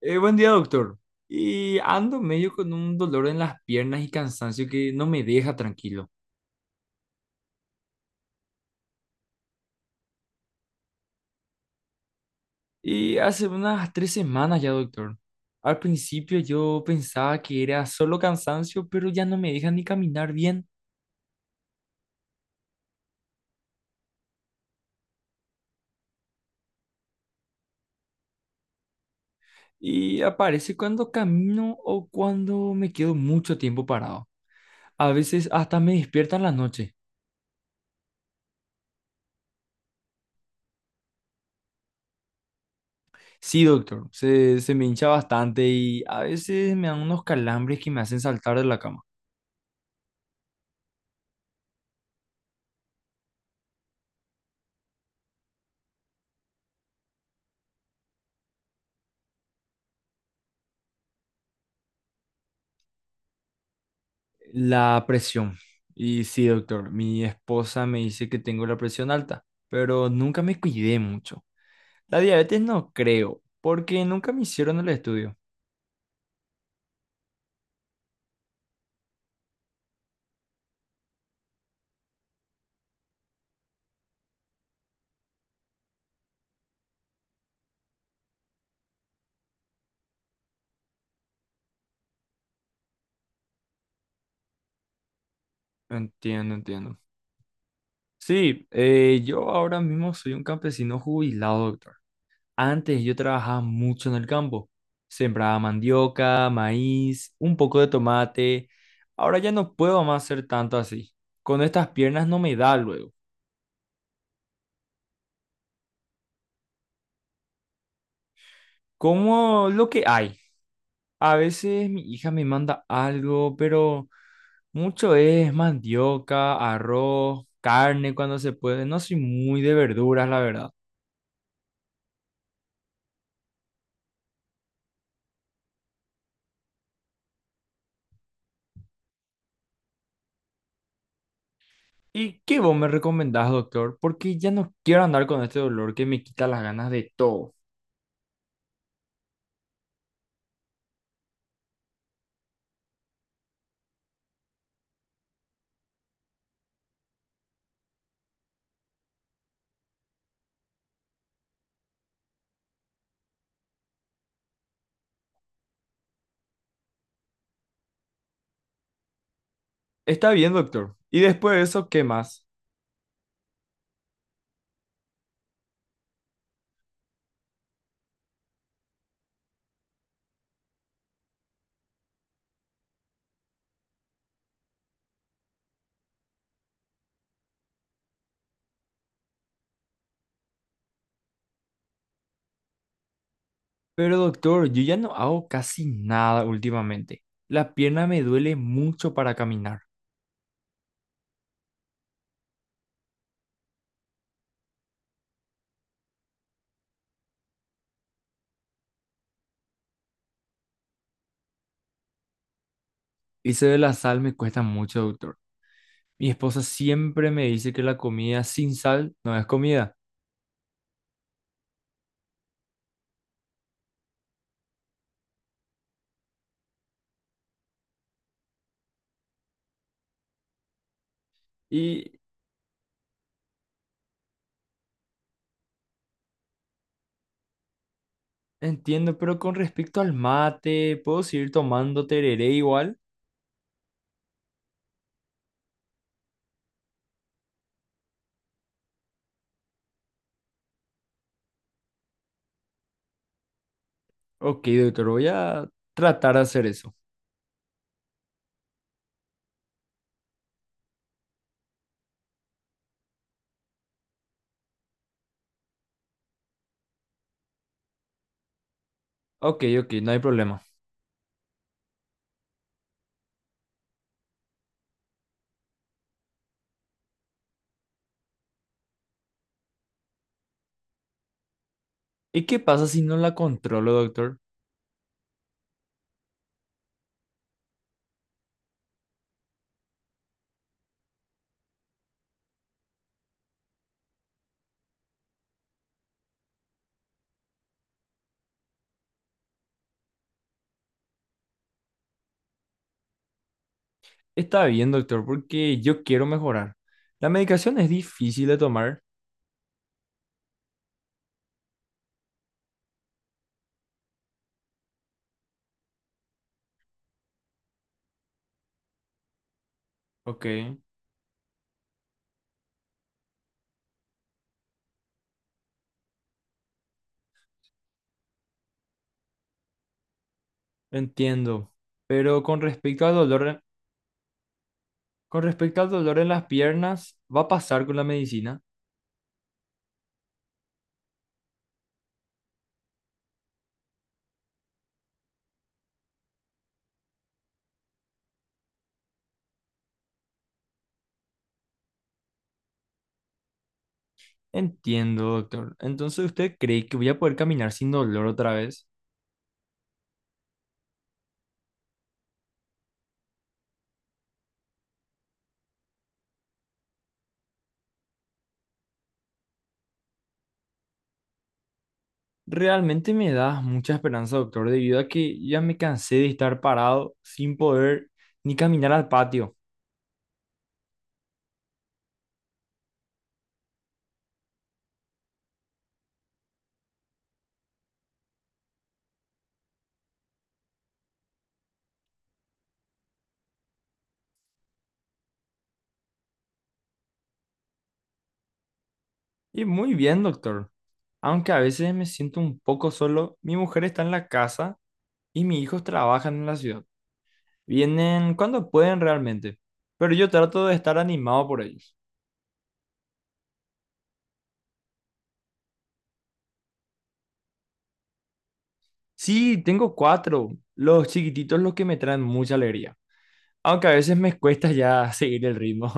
Buen día, doctor. Y ando medio con un dolor en las piernas y cansancio que no me deja tranquilo. Y hace unas 3 semanas ya, doctor. Al principio yo pensaba que era solo cansancio, pero ya no me deja ni caminar bien. Y aparece cuando camino o cuando me quedo mucho tiempo parado. A veces hasta me despierta en la noche. Sí, doctor, se me hincha bastante y a veces me dan unos calambres que me hacen saltar de la cama. La presión. Y sí, doctor, mi esposa me dice que tengo la presión alta, pero nunca me cuidé mucho. La diabetes no creo, porque nunca me hicieron el estudio. Entiendo, entiendo. Sí, yo ahora mismo soy un campesino jubilado, doctor. Antes yo trabajaba mucho en el campo. Sembraba mandioca, maíz, un poco de tomate. Ahora ya no puedo más hacer tanto así. Con estas piernas no me da luego. Como lo que hay. A veces mi hija me manda algo, pero mucho es mandioca, arroz, carne cuando se puede. No soy muy de verduras, la verdad. ¿Y qué vos me recomendás, doctor? Porque ya no quiero andar con este dolor que me quita las ganas de todo. Está bien, doctor. Y después de eso, ¿qué más? Pero, doctor, yo ya no hago casi nada últimamente. La pierna me duele mucho para caminar. Y eso de la sal me cuesta mucho, doctor. Mi esposa siempre me dice que la comida sin sal no es comida. Y entiendo, pero con respecto al mate, ¿puedo seguir tomando tereré igual? Ok, doctor, voy a tratar de hacer eso. Ok, ok, no hay problema. ¿Y qué pasa si no la controlo, doctor? Está bien, doctor, porque yo quiero mejorar. La medicación es difícil de tomar. Ok, entiendo. Pero con respecto al dolor, con respecto al dolor en las piernas, ¿va a pasar con la medicina? Entiendo, doctor. Entonces, ¿usted cree que voy a poder caminar sin dolor otra vez? Realmente me das mucha esperanza, doctor, debido a que ya me cansé de estar parado sin poder ni caminar al patio. Y muy bien, doctor. Aunque a veces me siento un poco solo, mi mujer está en la casa y mis hijos trabajan en la ciudad. Vienen cuando pueden realmente, pero yo trato de estar animado por ellos. Sí, tengo cuatro, los chiquititos los que me traen mucha alegría. Aunque a veces me cuesta ya seguir el ritmo.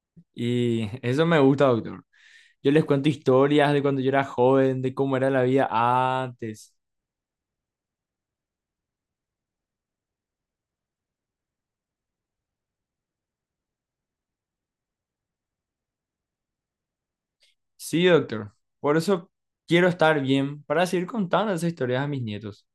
Y eso me gusta, doctor. Yo les cuento historias de cuando yo era joven, de cómo era la vida antes. Sí, doctor. Por eso quiero estar bien para seguir contando esas historias a mis nietos.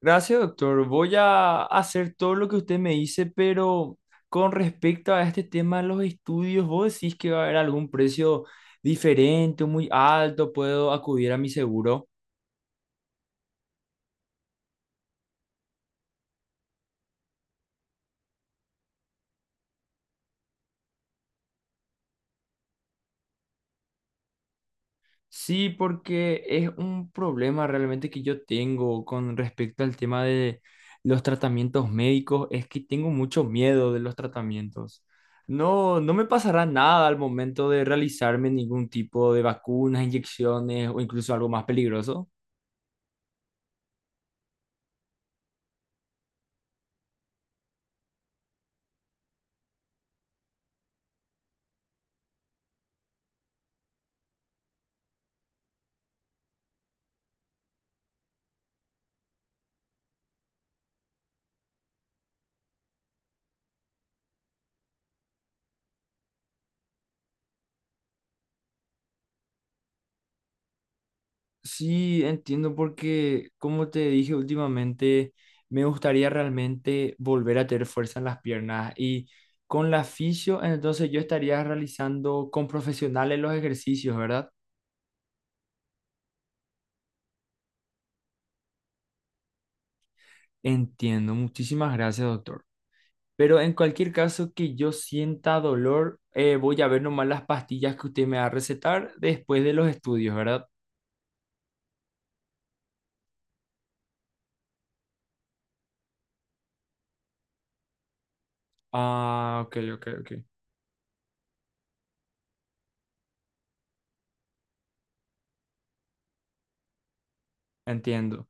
Gracias, doctor. Voy a hacer todo lo que usted me dice, pero con respecto a este tema de los estudios, ¿vos decís que va a haber algún precio diferente, muy alto? ¿Puedo acudir a mi seguro? Sí, porque es un problema realmente que yo tengo con respecto al tema de los tratamientos médicos, es que tengo mucho miedo de los tratamientos. No, no me pasará nada al momento de realizarme ningún tipo de vacunas, inyecciones o incluso algo más peligroso. Sí, entiendo porque, como te dije últimamente, me gustaría realmente volver a tener fuerza en las piernas y con la fisio, entonces yo estaría realizando con profesionales los ejercicios, ¿verdad? Entiendo, muchísimas gracias, doctor. Pero en cualquier caso que yo sienta dolor, voy a ver nomás las pastillas que usted me va a recetar después de los estudios, ¿verdad? Ah, ok, ok, ok, entiendo.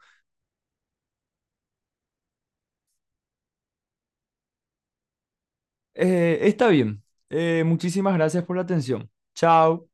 Está bien. Muchísimas gracias por la atención. Chao.